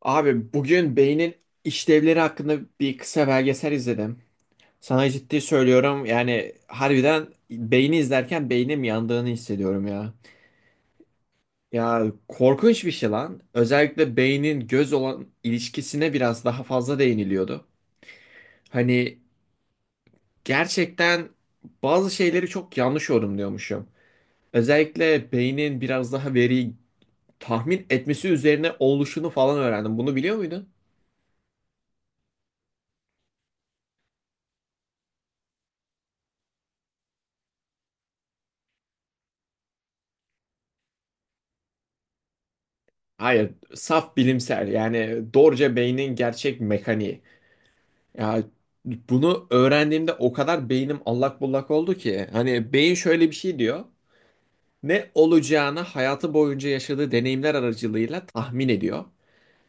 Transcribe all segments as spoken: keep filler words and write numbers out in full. Abi bugün beynin işlevleri hakkında bir kısa belgesel izledim. Sana ciddi söylüyorum yani harbiden beyni izlerken beynim yandığını hissediyorum ya. Ya korkunç bir şey lan. Özellikle beynin göz olan ilişkisine biraz daha fazla değiniliyordu. Hani gerçekten bazı şeyleri çok yanlış yorumluyormuşum. Özellikle beynin biraz daha veriyi tahmin etmesi üzerine oluşunu falan öğrendim. Bunu biliyor muydun? Hayır, saf bilimsel yani doğruca beynin gerçek mekaniği. Ya bunu öğrendiğimde o kadar beynim allak bullak oldu ki hani beyin şöyle bir şey diyor. Ne olacağını hayatı boyunca yaşadığı deneyimler aracılığıyla tahmin ediyor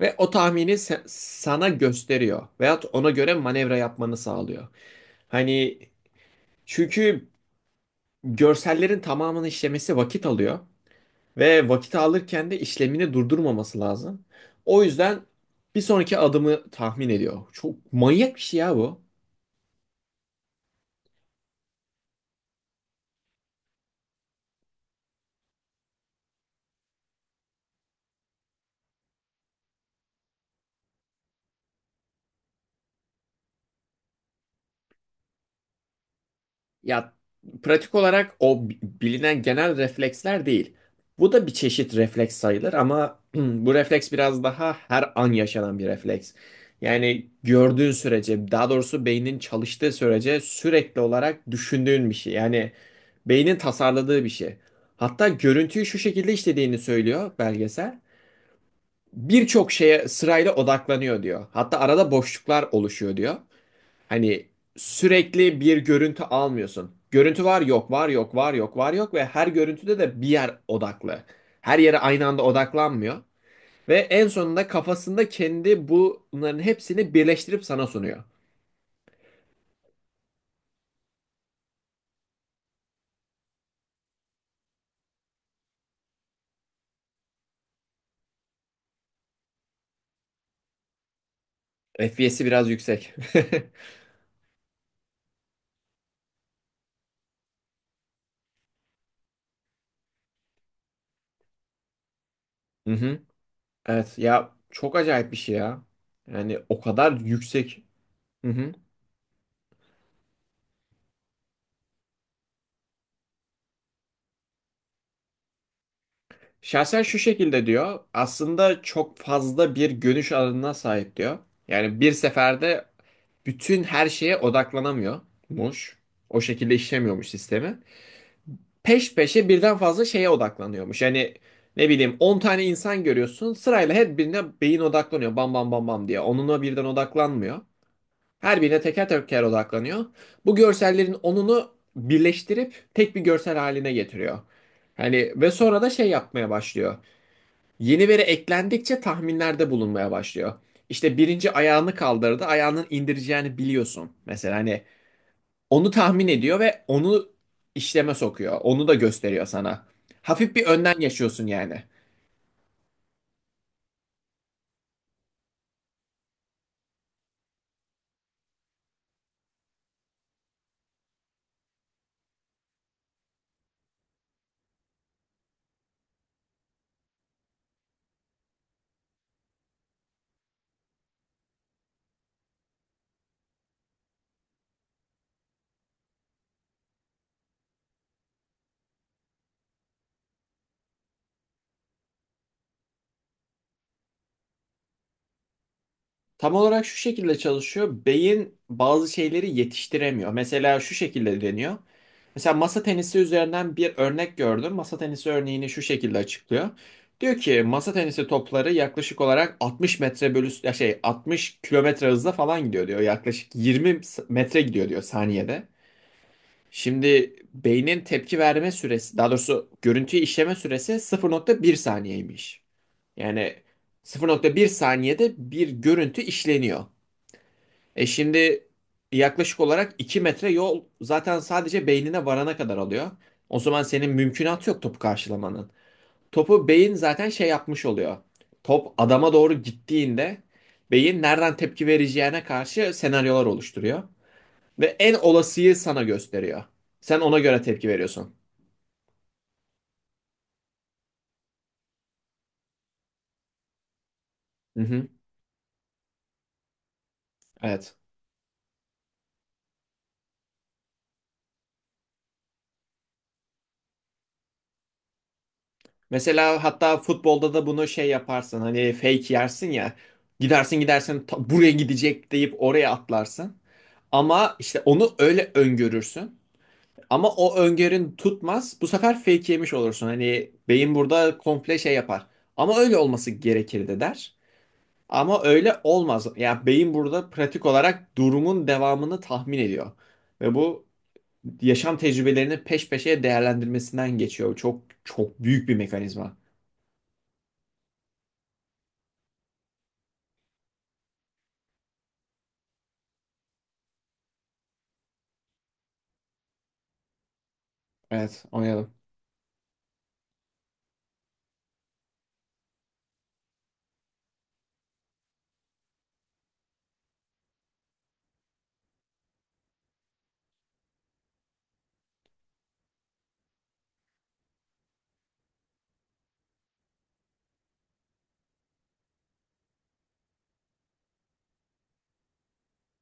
ve o tahmini se- sana gösteriyor veyahut ona göre manevra yapmanı sağlıyor. Hani çünkü görsellerin tamamını işlemesi vakit alıyor. Ve vakit alırken de işlemini durdurmaması lazım. O yüzden bir sonraki adımı tahmin ediyor. Çok manyak bir şey ya bu. Ya pratik olarak o bi- bilinen genel refleksler değil. Bu da bir çeşit refleks sayılır ama bu refleks biraz daha her an yaşanan bir refleks. Yani gördüğün sürece, daha doğrusu beynin çalıştığı sürece sürekli olarak düşündüğün bir şey. Yani beynin tasarladığı bir şey. Hatta görüntüyü şu şekilde işlediğini söylüyor belgesel. Birçok şeye sırayla odaklanıyor diyor. Hatta arada boşluklar oluşuyor diyor. Hani sürekli bir görüntü almıyorsun. Görüntü var yok var yok var yok var yok ve her görüntüde de bir yer odaklı. Her yere aynı anda odaklanmıyor. Ve en sonunda kafasında kendi bunların hepsini birleştirip sana sunuyor. F P S'i biraz yüksek. Hı hı. Evet ya çok acayip bir şey ya. Yani o kadar yüksek. Hı hı. Şahsen şu şekilde diyor. Aslında çok fazla bir görüş alanına sahip diyor. Yani bir seferde bütün her şeye odaklanamıyormuş. O şekilde işlemiyormuş sistemi. Peş peşe birden fazla şeye odaklanıyormuş. Yani ne bileyim on tane insan görüyorsun. Sırayla her birine beyin odaklanıyor. Bam bam bam bam diye. Onuna birden odaklanmıyor. Her birine teker teker odaklanıyor. Bu görsellerin onunu birleştirip tek bir görsel haline getiriyor. Hani ve sonra da şey yapmaya başlıyor. Yeni veri eklendikçe tahminlerde bulunmaya başlıyor. İşte birinci ayağını kaldırdı, ayağının indireceğini biliyorsun. Mesela hani onu tahmin ediyor ve onu işleme sokuyor. Onu da gösteriyor sana. Hafif bir önden yaşıyorsun yani. Tam olarak şu şekilde çalışıyor. Beyin bazı şeyleri yetiştiremiyor. Mesela şu şekilde deniyor. Mesela masa tenisi üzerinden bir örnek gördüm. Masa tenisi örneğini şu şekilde açıklıyor. Diyor ki masa tenisi topları yaklaşık olarak altmış metre bölü ya şey altmış kilometre hızla falan gidiyor diyor. Yaklaşık yirmi metre gidiyor diyor saniyede. Şimdi beynin tepki verme süresi daha doğrusu görüntüyü işleme süresi sıfır nokta bir saniyeymiş. Yani sıfır nokta bir saniyede bir görüntü işleniyor. E şimdi yaklaşık olarak iki metre yol zaten sadece beynine varana kadar alıyor. O zaman senin mümkünatı yok topu karşılamanın. Topu beyin zaten şey yapmış oluyor. Top adama doğru gittiğinde beyin nereden tepki vereceğine karşı senaryolar oluşturuyor. Ve en olasıyı sana gösteriyor. Sen ona göre tepki veriyorsun. Hı hı, evet. Mesela hatta futbolda da bunu şey yaparsın. Hani fake yersin ya. Gidersin gidersin ta- buraya gidecek deyip oraya atlarsın. Ama işte onu öyle öngörürsün. Ama o öngörün tutmaz. Bu sefer fake yemiş olursun. Hani beyin burada komple şey yapar. Ama öyle olması gerekirdi der. Ama öyle olmaz. Yani beyin burada pratik olarak durumun devamını tahmin ediyor. Ve bu yaşam tecrübelerini peş peşe değerlendirmesinden geçiyor. Çok çok büyük bir mekanizma. Evet, oynayalım.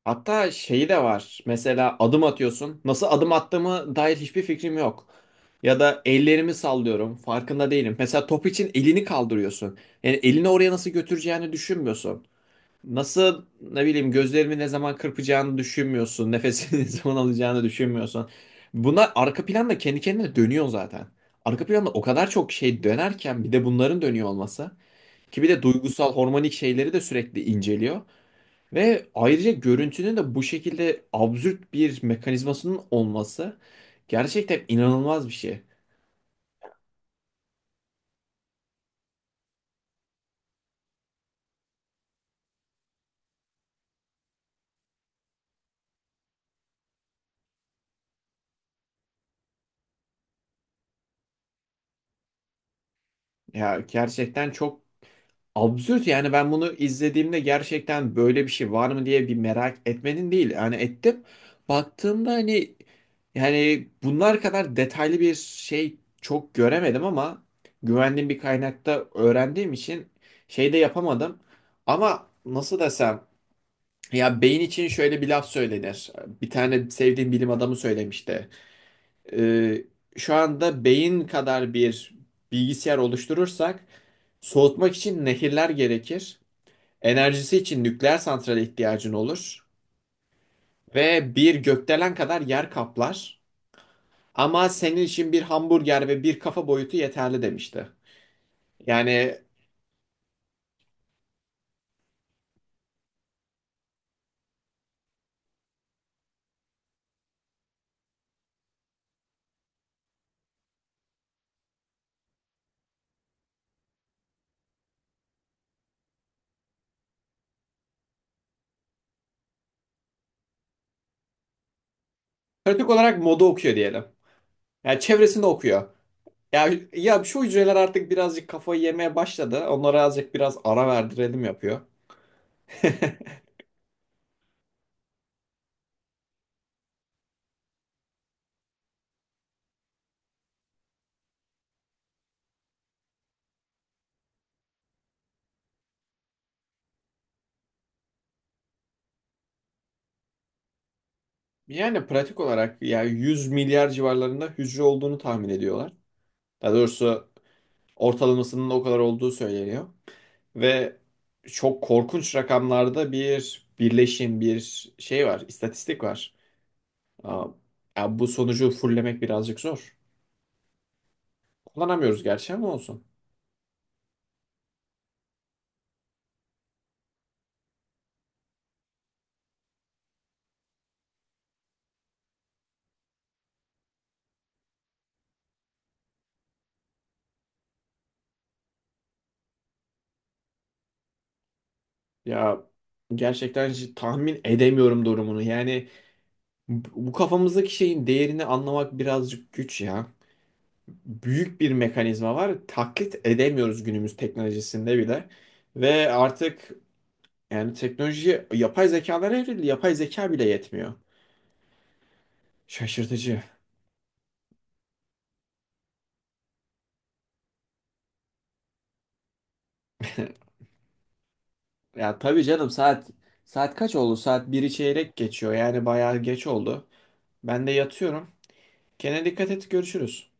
Hatta şeyi de var. Mesela adım atıyorsun. Nasıl adım attığımı dair hiçbir fikrim yok. Ya da ellerimi sallıyorum. Farkında değilim. Mesela top için elini kaldırıyorsun. Yani elini oraya nasıl götüreceğini düşünmüyorsun. Nasıl ne bileyim gözlerini ne zaman kırpacağını düşünmüyorsun. Nefesini ne zaman alacağını düşünmüyorsun. Bunlar arka planda kendi kendine dönüyor zaten. Arka planda o kadar çok şey dönerken bir de bunların dönüyor olması. Ki bir de duygusal hormonik şeyleri de sürekli inceliyor. Ve ayrıca görüntünün de bu şekilde absürt bir mekanizmasının olması gerçekten inanılmaz bir şey. Ya gerçekten çok absürt yani ben bunu izlediğimde gerçekten böyle bir şey var mı diye bir merak etmenin değil. Yani ettim. Baktığımda hani yani bunlar kadar detaylı bir şey çok göremedim ama güvendiğim bir kaynakta öğrendiğim için şey de yapamadım. Ama nasıl desem ya beyin için şöyle bir laf söylenir. Bir tane sevdiğim bilim adamı söylemişti. Ee, Şu anda beyin kadar bir bilgisayar oluşturursak soğutmak için nehirler gerekir. Enerjisi için nükleer santrale ihtiyacın olur ve bir gökdelen kadar yer kaplar. Ama senin için bir hamburger ve bir kafa boyutu yeterli demişti. Yani pratik olarak moda okuyor diyelim. Yani çevresini okuyor. Ya, ya şu hücreler artık birazcık kafayı yemeye başladı. Onlara azıcık biraz ara verdirelim yapıyor. Yani pratik olarak ya yüz milyar civarlarında hücre olduğunu tahmin ediyorlar. Daha doğrusu ortalamasının o kadar olduğu söyleniyor. Ve çok korkunç rakamlarda bir birleşim, bir şey var, istatistik var. Aa, Ya bu sonucu fullemek birazcık zor. Kullanamıyoruz gerçi ama olsun. Ya gerçekten hiç tahmin edemiyorum durumunu. Yani bu bu kafamızdaki şeyin değerini anlamak birazcık güç ya. Büyük bir mekanizma var. Taklit edemiyoruz günümüz teknolojisinde bile. Ve artık yani teknoloji yapay zekalara evrildi. Yapay zeka bile yetmiyor. Şaşırtıcı. Ya tabii canım saat saat kaç oldu? Saat biri çeyrek geçiyor. Yani bayağı geç oldu. Ben de yatıyorum. Kendine dikkat et. Görüşürüz.